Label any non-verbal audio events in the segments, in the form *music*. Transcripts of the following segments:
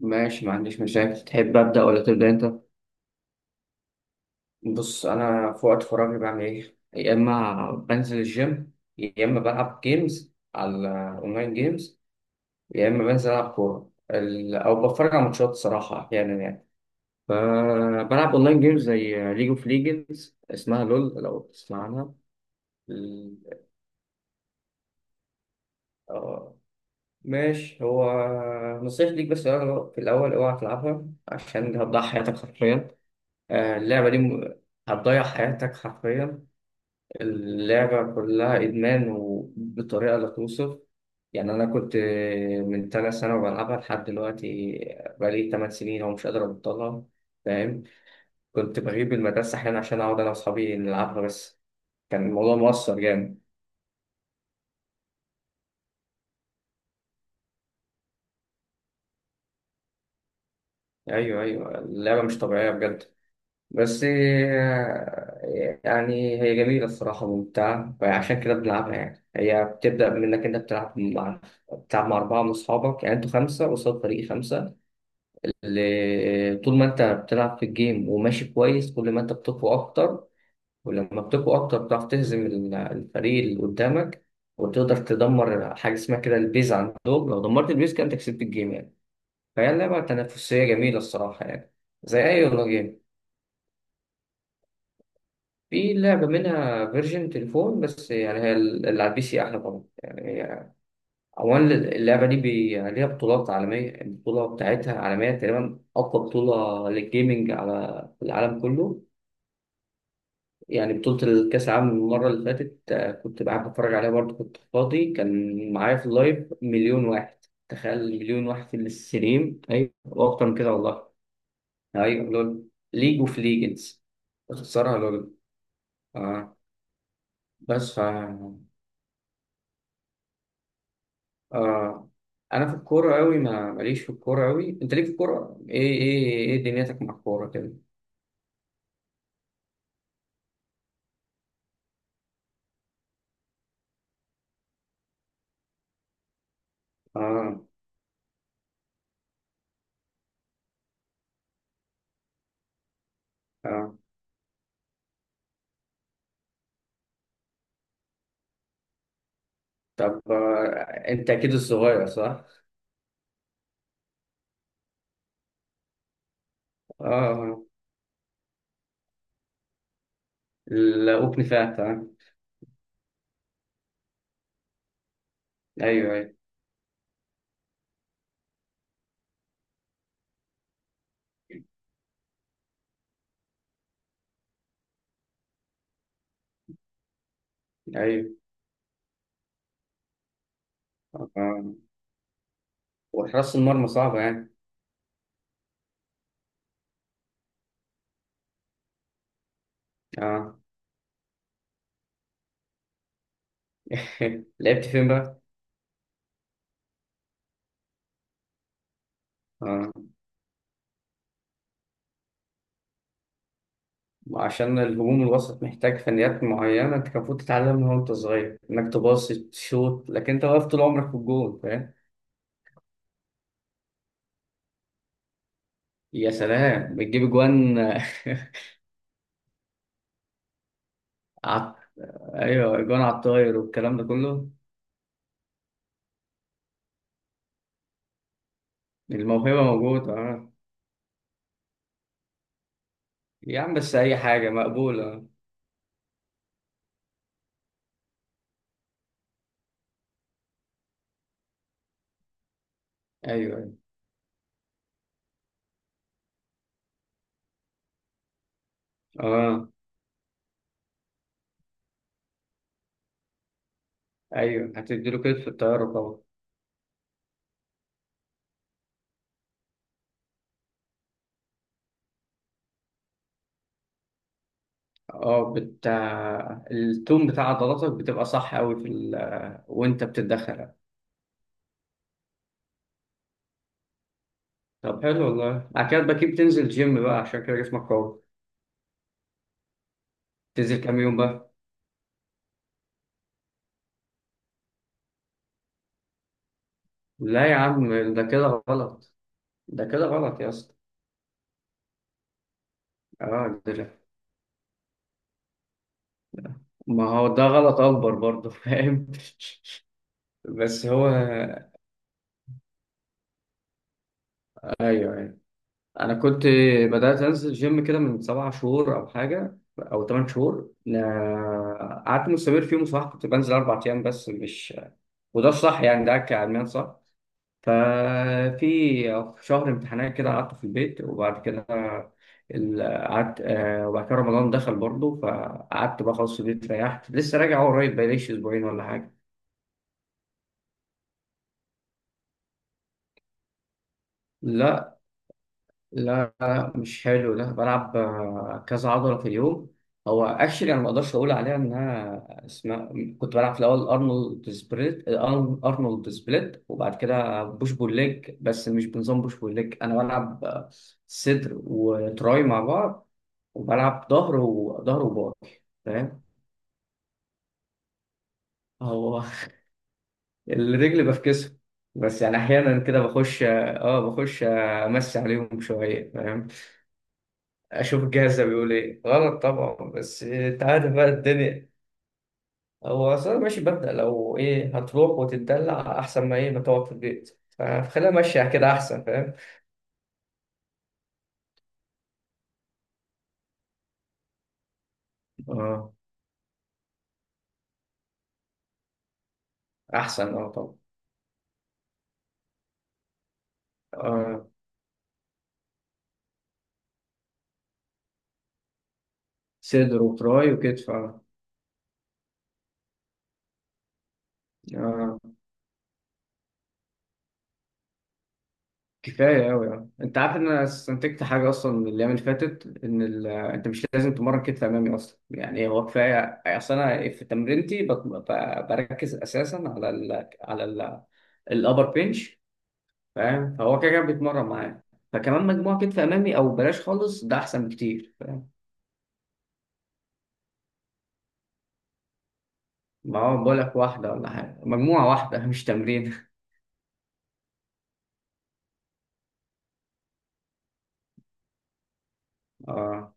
ماشي، ما عنديش مشاكل. تحب أبدأ ولا تبدأ أنت؟ بص، أنا في وقت فراغي بعمل إيه؟ يا إما بنزل الجيم، يا إما بلعب جيمز على أونلاين جيمز، يا إما بنزل ألعب كورة أو بتفرج على ماتشات صراحة أحيانا يعني. فبلعب أونلاين جيمز زي ليج أوف ليجندز، اسمها لول لو تسمع عنها. ال- آه، ماشي. هو نصيحتي ليك بس، في الأول أوعى تلعبها عشان هتضيع حياتك حرفيا. اللعبة دي هتضيع حياتك حرفيا. اللعبة كلها إدمان وبطريقة لا توصف. يعني أنا كنت من تلات سنة بلعبها لحد دلوقتي، بقالي تمن سنين ومش قادر أبطلها، فاهم؟ كنت بغيب المدرسة أحيانا عشان أقعد أنا وأصحابي نلعبها بس. كان الموضوع مؤثر جامد. أيوه أيوه، اللعبة مش طبيعية بجد. بس يعني هي جميلة الصراحة، ممتعة، فعشان كده بنلعبها. يعني هي بتبدأ من إنك أنت بتلعب مع، بتلعب مع أربعة من أصحابك، يعني أنتوا خمسة قصاد فريق خمسة. طول ما انت بتلعب في الجيم وماشي كويس، كل ما انت بتقوى اكتر، ولما بتقوى اكتر بتعرف تهزم الفريق اللي قدامك، وتقدر تدمر حاجه اسمها كده البيز عندهم. لو دمرت البيز كده انت كسبت الجيم يعني. فهي لعبه تنافسيه جميله الصراحه يعني. زي اي والله جيم، في لعبه منها فيرجن تليفون بس، يعني هي اللي على البي سي احلى طبعا يعني. اولا اللعبه دي بي... ليها بطولات عالميه، البطوله بتاعتها عالميه تقريبا اقوى بطوله للجيمنج على العالم كله. يعني بطولة الكأس العالم المرة اللي فاتت، كنت قاعد بتفرج عليها برضه، كنت فاضي، كان معايا في اللايف مليون واحد. تخيل مليون واحد في الستريم، أيوة، وأكتر من كده والله. أيوة لول، ليج أوف ليجندز. بخسرها لول. آه. بس ف، آه، أنا في الكورة أوي، ما ماليش في الكورة أوي. أنت ليك في الكورة إيه؟ إيه إيه دنيتك مع الكورة كده؟ آه آه. طب آه، أنت أكيد الصغير صح؟ آه، لا أوبني فات آه. أيوه أيوه أيوه. آه. وحراسة المرمى صعبة يعني. اه. *laughs* لعبت فين بقى؟ اه، عشان الهجوم الوسط محتاج فنيات معينة انت كان المفروض تتعلمها وانت صغير، انك تباصي تشوط، لكن انت واقف طول عمرك في الجول فاهم؟ يا سلام، بتجيب اجوان. *laughs* عط... ايوه، اجوان على الطاير والكلام ده كله. الموهبة موجودة اه. يا عم بس اي حاجة مقبولة. ايوه أيوه. اه. ايوه، هتديله كتف في الطيارة طبعا. اه التون بتاع عضلاتك بتبقى صح قوي في ال... وانت بتتدخل. طب حلو والله، بعد كده بقى بتنزل جيم بقى عشان كده جسمك قوي. تنزل كام يوم بقى؟ لا يا عم، ده كده غلط، ده كده غلط يا اسطى. اه، ده، ما هو ده غلط اكبر برضه فاهم. *laughs* بس هو، ايوه ايوه، انا كنت، بدات انزل جيم كده من سبع شهور او حاجه او ثمان شهور، قعدت مستمر فيهم صح، كنت بنزل اربع ايام بس مش، وده الصح يعني، ده كعلميا صح. ففي شهر امتحانات كده قعدت في البيت، وبعد كده قعدت وبعد كده رمضان دخل برضه، فقعدت بقى خلاص في البيت، ريحت، لسه راجع هو قريب، بقاليش اسبوعين ولا حاجه. لا، لا، مش حلو ده. بلعب كذا عضلة في اليوم. هو اكشلي انا ما اقدرش اقول عليها انها اسمها، كنت بلعب في الاول ارنولد سبليت، ارنولد سبليت، وبعد كده بوش بول ليج، بس مش بنظام بوش بول ليج. انا بلعب صدر وتراي مع بعض، وبلعب ظهر وظهر وباي، فاهم؟ هو *laughs* الرجل بفكسه، بس يعني احيانا كده بخش، اه بخش امسي عليهم شويه فاهم. اشوف الجهاز ده بيقول ايه، غلط طبعا، بس انت عارف بقى الدنيا. هو اصلا ماشي، ببدأ لو ايه هتروح وتتدلع احسن ما ايه ما تقعد في البيت، فخليها ماشية كده احسن فاهم. اه احسن اه طبعا. اه، صدر وتراي وكتف اه. اه كفايه قوي اه. انت عارف ان انا استنتجت حاجه اصلا من الايام اللي فاتت، ان ال... انت مش لازم تمرن كتف امامي اصلا، يعني هو كفايه. اصل انا في تمرينتي بت... ب... بركز اساسا على ال... على ال... الابر بنش، فاهم؟ فهو كده كده بيتمرن معاه، فكمان مجموعة كتف أمامي أو بلاش خالص، ده أحسن بكتير فاهم. ما هو بقول لك واحدة ولا حاجة، مجموعة واحدة مش تمرين. *laughs* آه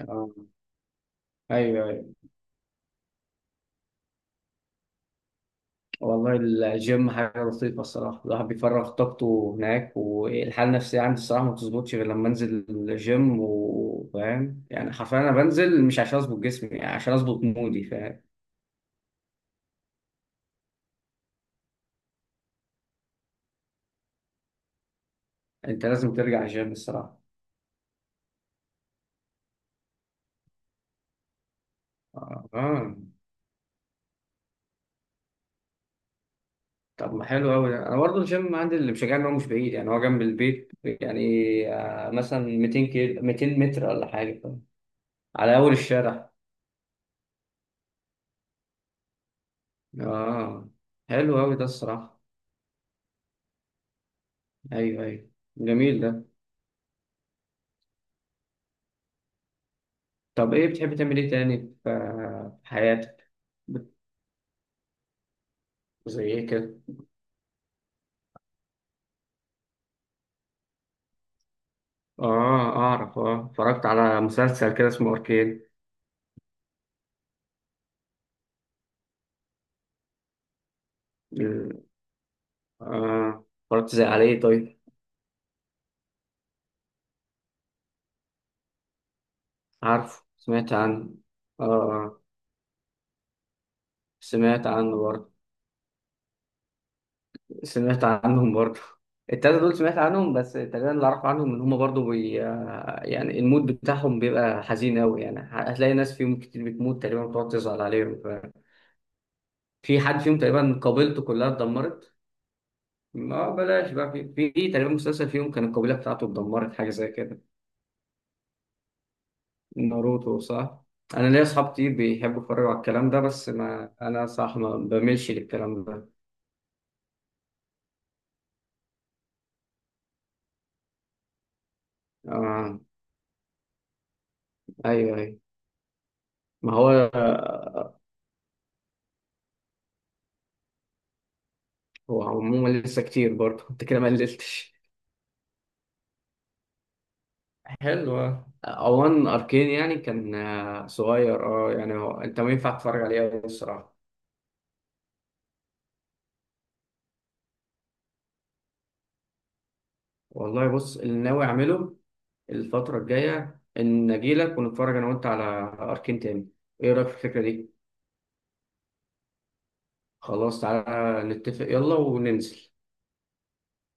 آه. أيوه أيوه. والله الجيم حاجة لطيفة الصراحة، الواحد بيفرغ طاقته هناك، والحالة النفسية عندي الصراحة ما بتظبطش غير لما أنزل الجيم، وفاهم يعني حرفيا أنا بنزل مش عشان أظبط جسمي، يعني عشان أظبط مودي فاهم. أنت لازم ترجع الجيم الصراحة. آه آه. طب ما حلو قوي ده. انا برضه الجيم عندي اللي مشجعني ان هو مش بعيد، يعني هو جنب البيت يعني. مثلا 200 كيلو، 200 متر ولا حاجه، على اول الشارع. اه حلو قوي ده الصراحه. ايوه ايوه، جميل ده. طب ايه بتحب تعمل ايه تاني في في حياتك؟ بت- زي ايه كده؟ اه اعرف، اه اتفرجت على مسلسل كده اسمه اركين. ال- اه اتفرجت زي عليه طيب؟ عارف، سمعت عنه. اه آه، سمعت عنه برضه. سمعت عنهم برضه. التلاتة دول سمعت عنهم، بس تقريبا اللي أعرف عنهم إن هما برضه بي... يعني المود بتاعهم بيبقى حزين أوي، يعني هتلاقي ناس فيهم كتير بتموت تقريبا، بتقعد تزعل عليهم ف... في حد فيهم تقريبا قبيلته كلها اتدمرت. ما بلاش بقى، في تقريبا مسلسل فيهم كان القبيلة بتاعته اتدمرت حاجة زي كده. ناروتو صح؟ أنا ليا أصحاب كتير بيحبوا يتفرجوا على الكلام ده، بس ما أنا صح ما بميلش للكلام ده. آه أيوه أيوه. ما هو هو عموما لسه كتير برضه، *laughs* انت كده ما قللتش. حلو آه. اوان اركين يعني كان صغير اه، يعني هو انت ما ينفع تتفرج عليه أوي الصراحه. والله بص، اللي ناوي اعمله الفتره الجايه ان اجيلك ونتفرج انا وانت على اركين تاني. ايه رايك في الفكره دي؟ خلاص تعالى نتفق، يلا وننزل.